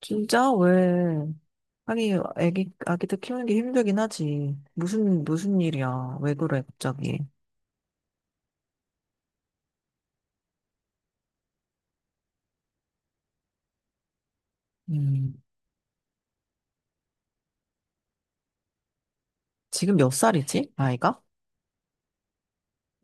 진짜? 왜? 아니, 아기들 키우는 게 힘들긴 하지. 무슨 일이야. 왜 그래, 갑자기. 음, 지금 몇 살이지? 아이가?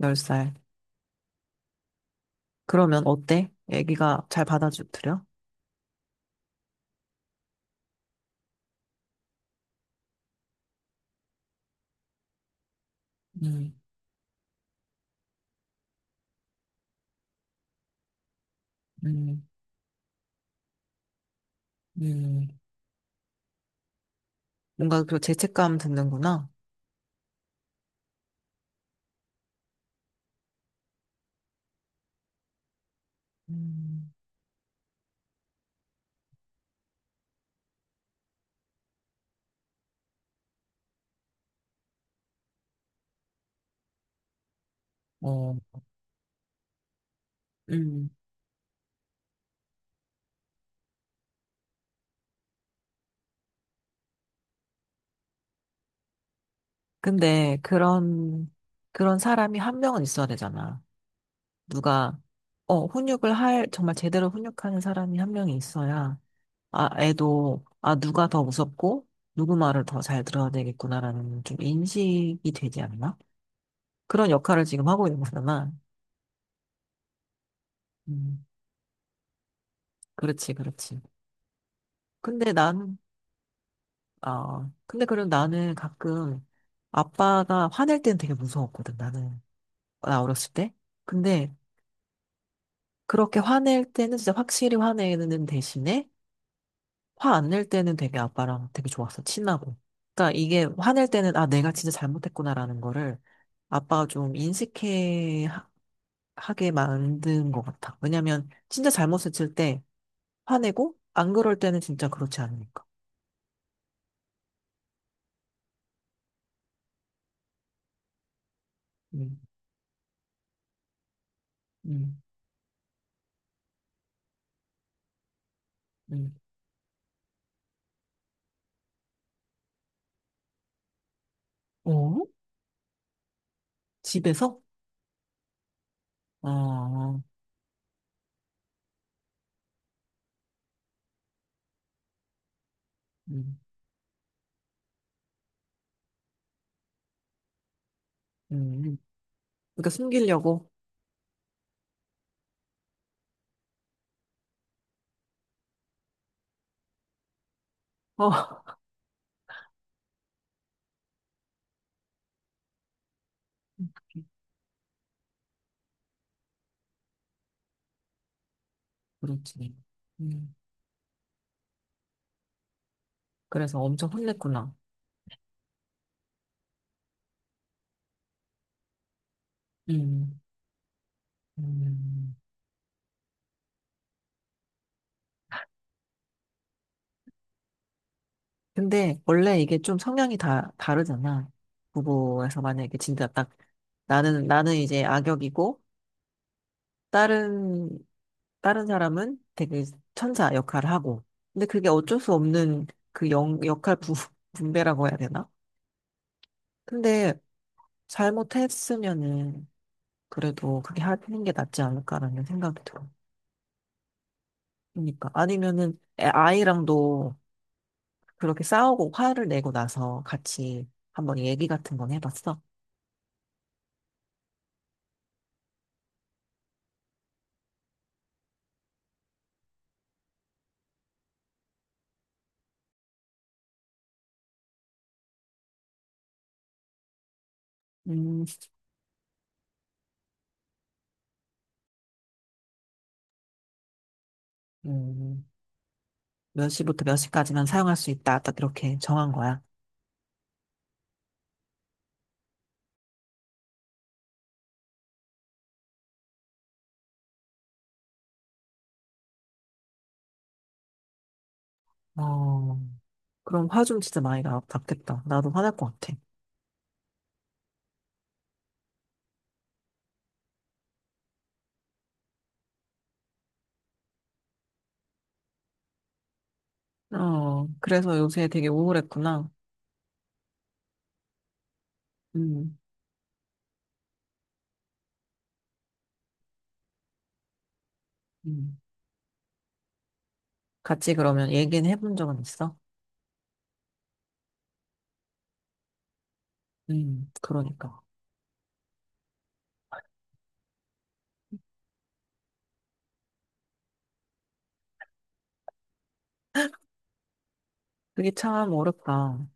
10살. 그러면 어때? 애기가 잘 받아주드려? 음, 음, 음. 뭔가 그 죄책감 드는구나. 음, 어, 음. 근데 그런 사람이 한 명은 있어야 되잖아. 누가, 어, 훈육을 할, 정말 제대로 훈육하는 사람이 한 명이 있어야 아, 애도, 아, 누가 더 무섭고, 누구 말을 더 잘 들어야 되겠구나라는 좀 인식이 되지 않나? 그런 역할을 지금 하고 있는 거잖아. 음, 그렇지, 그렇지. 근데 난, 아, 근데 그럼 나는 가끔 아빠가 화낼 때는 되게 무서웠거든, 나는. 나 어렸을 때. 근데 그렇게 화낼 때는 진짜 확실히 화내는 대신에 화 안 낼 때는 되게 아빠랑 되게 좋았어, 친하고. 그러니까 이게 화낼 때는 아, 내가 진짜 잘못했구나라는 거를 아빠가 좀 인식해 하게 만든 것 같아. 왜냐면 진짜 잘못을 칠 때 화내고 안 그럴 때는 진짜 그렇지 않으니까. 음, 음, 음. 어? 집에서? 어, 어, 음, 음. 그러니까 숨기려고? 어, 그렇지. 음. 그래서 엄청 혼냈구나. 음, 음. 근데 원래 이게 좀 성향이 다 다르잖아. 부부에서 만약에 진짜 딱 나는 이제 악역이고 다른, 다른 사람은 되게 천사 역할을 하고. 근데 그게 어쩔 수 없는 그 역할 분배라고 해야 되나? 근데 잘못했으면은 그래도 그게 하는 게 낫지 않을까라는 생각이 들어. 그러니까. 아니면은 아이랑도 그렇게 싸우고 화를 내고 나서 같이 한번 얘기 같은 건 해봤어? 음, 음, 몇 시부터 몇 시까지만 사용할 수 있다. 딱 이렇게 정한 거야. 어, 그럼 화 좀 진짜 많이 났겠다. 나도 화날 것 같아. 어, 그래서 요새 되게 우울했구나. 음, 음. 같이 그러면 얘기는 해본 적은 있어? 그러니까. 그게 참 어렵다.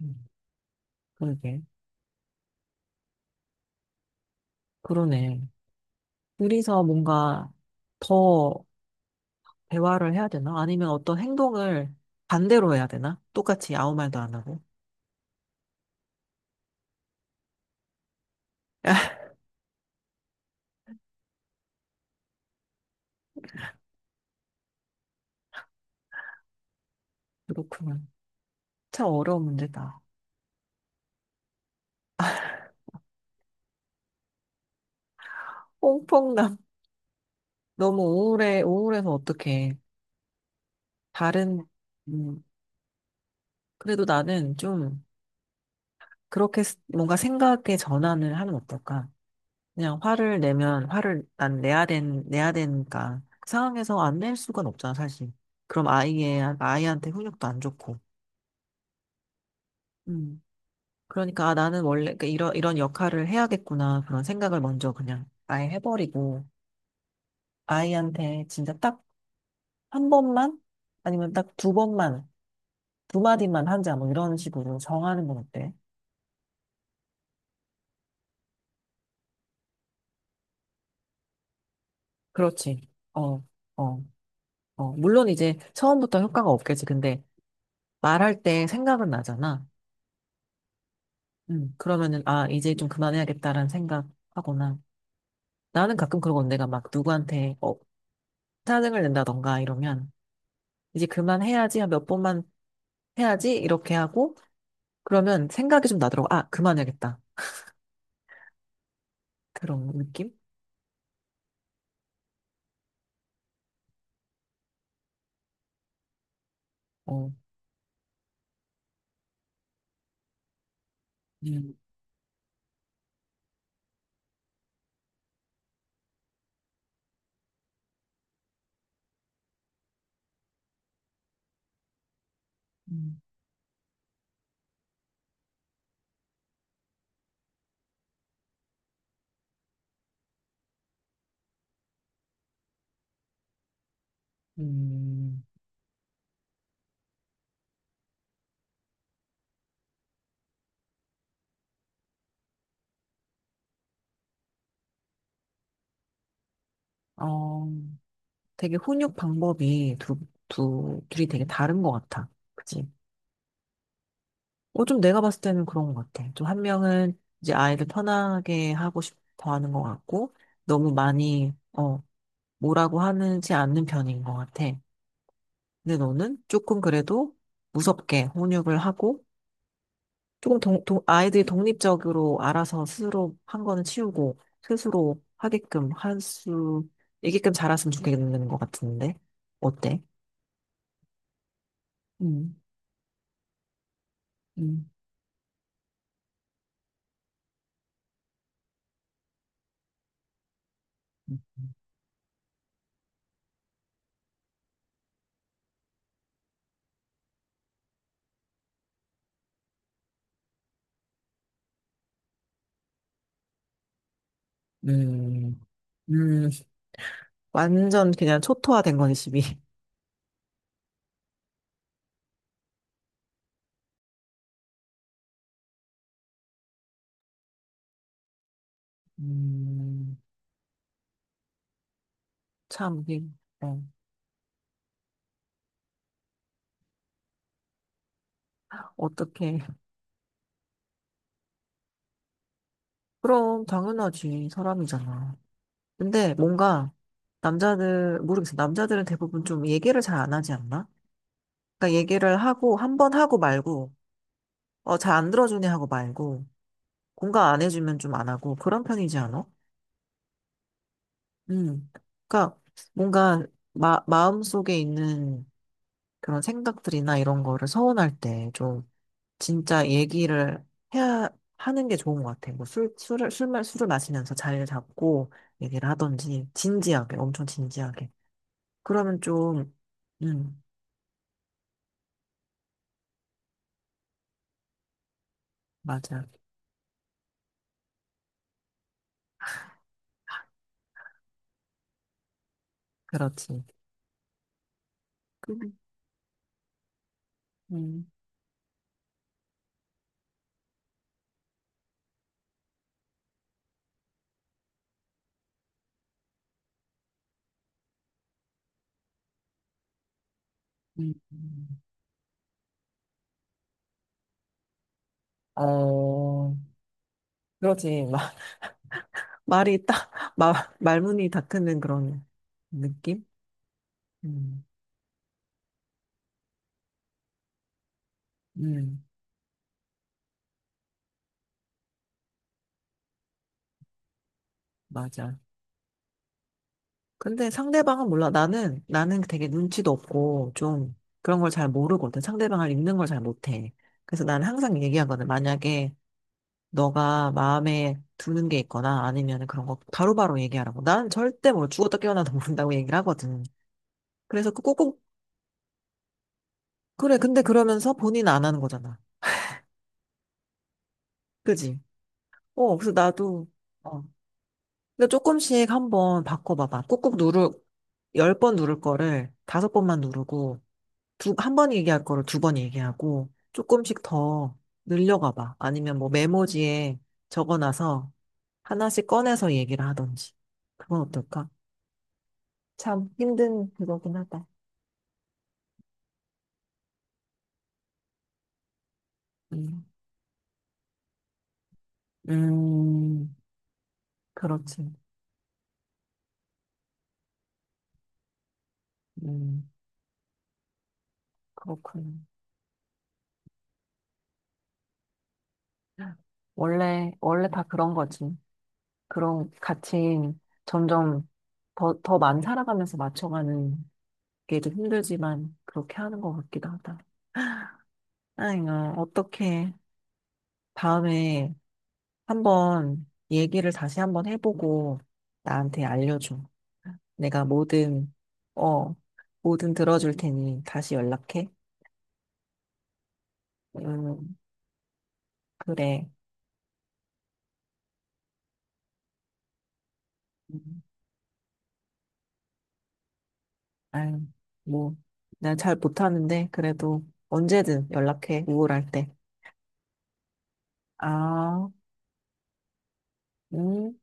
음. 그러게. 그러네. 둘이서 뭔가 더 대화를 해야 되나? 아니면 어떤 행동을 반대로 해야 되나? 똑같이 아무 말도 안 하고. 그렇구나. 참 어려운 문제다. 퐁퐁남. 너무 우울해, 우울해서 어떡해. 다른, 음, 그래도 나는 좀 그렇게 스- 뭔가 생각의 전환을 하면 어떨까? 그냥 화를 내면 화를 난 내야 내야 되니까 그 상황에서 안 낼 수가 없잖아, 사실. 그럼 아이의, 아이한테 훈육도 안 좋고. 음. 그러니까 아, 나는 원래 그 이런, 이런 역할을 해야겠구나. 그런 생각을 먼저 그냥 아예 해버리고 아이한테 진짜 딱 한 번만 아니면 딱 두 번만 두 마디만 하자 뭐 이런 식으로 정하는 건 어때? 그렇지. 어, 어, 어. 물론 이제 처음부터 효과가 없겠지. 근데 말할 때 생각은 나잖아. 그러면은, 아, 이제 좀 그만해야겠다라는 생각하거나. 나는 가끔 그러고 내가 막 누구한테, 어, 짜증을 낸다던가 이러면, 이제 그만해야지, 한 몇 번만 해야지, 이렇게 하고, 그러면 생각이 좀 나더라고. 아, 그만해야겠다. 그런 느낌? 어, 음, 음, 음. 어, 되게 훈육 방법이 둘이 되게 다른 것 같아. 그치? 어, 좀 내가 봤을 때는 그런 것 같아. 좀 한 명은 이제 아이를 편하게 하고 싶어 하는 것 같고, 너무 많이, 어, 뭐라고 하는지 않는 편인 것 같아. 근데 너는 조금 그래도 무섭게 혼육을 하고, 조금 아이들이 독립적으로 알아서 스스로 한 거는 치우고, 스스로 하게끔 할 수, 있게끔 자랐으면 좋겠는 것 같은데. 어때? 음, 음, 음, 음, 완전 그냥 초토화된 거네, 집이. 음. 참, 이게, 어, 어떻게. 그럼, 당연하지. 사람이잖아. 근데 뭔가 남자들, 모르겠어. 남자들은 대부분 좀 얘기를 잘 안 하지 않나? 그러니까 얘기를 하고, 한 번 하고 말고, 어, 잘 안 들어주네 하고 말고, 공감 안 해주면 좀 안 하고, 그런 편이지 않아? 음. 그러니까 뭔가 마, 마음속에 있는 그런 생각들이나 이런 거를 서운할 때 좀 진짜 얘기를 해야 하는 게 좋은 것 같아. 뭐 술, 술을, 술, 마- 술을 마시면서 자리를 잡고 얘기를 하던지, 진지하게, 엄청 진지하게. 그러면 좀, 음, 맞아. 그렇지. 음, 음. 음. 어, 그렇지. 말이 딱, 마, 말문이 닫히는 그런 느낌? 음, 음, 맞아. 근데 상대방은 몰라. 나는 되게 눈치도 없고, 좀 그런 걸 잘 모르거든. 상대방을 읽는 걸 잘 못해. 그래서 나는 항상 얘기하거든. 만약에 너가 마음에 두는 게 있거나 아니면 그런 거 바로바로 얘기하라고. 난 절대 뭘 죽었다 깨어나도 모른다고 얘기를 하거든. 그래서 그 꼭꼭, 그래, 근데 그러면서 본인 안 하는 거잖아. 그지? 어, 그래서 나도, 어. 근데 조금씩 한번 바꿔봐봐. 꾹꾹 10번 누를 거를 다섯 번만 누르고, 한 번 얘기할 거를 두 번 얘기하고, 조금씩 더 늘려가봐. 아니면 뭐 메모지에 적어놔서 하나씩 꺼내서 얘기를 하던지. 그건 어떨까? 참 힘든 그거긴 하다. 음, 음, 그렇지. 음, 그렇군. 원래, 원래 다 그런 거지. 그런 가치인 점점 더, 더 많이 살아가면서 맞춰가는 게 좀 힘들지만 그렇게 하는 것 같기도 하다. 아이고, 어떻게 다음에 한번 얘기를 다시 한번 해보고 나한테 알려줘. 내가 뭐든, 어, 뭐든 들어줄 테니 다시 연락해. 음, 그래. 아유, 뭐, 내가 잘 못하는데, 그래도 언제든 연락해, 우울할 때. 아, 음.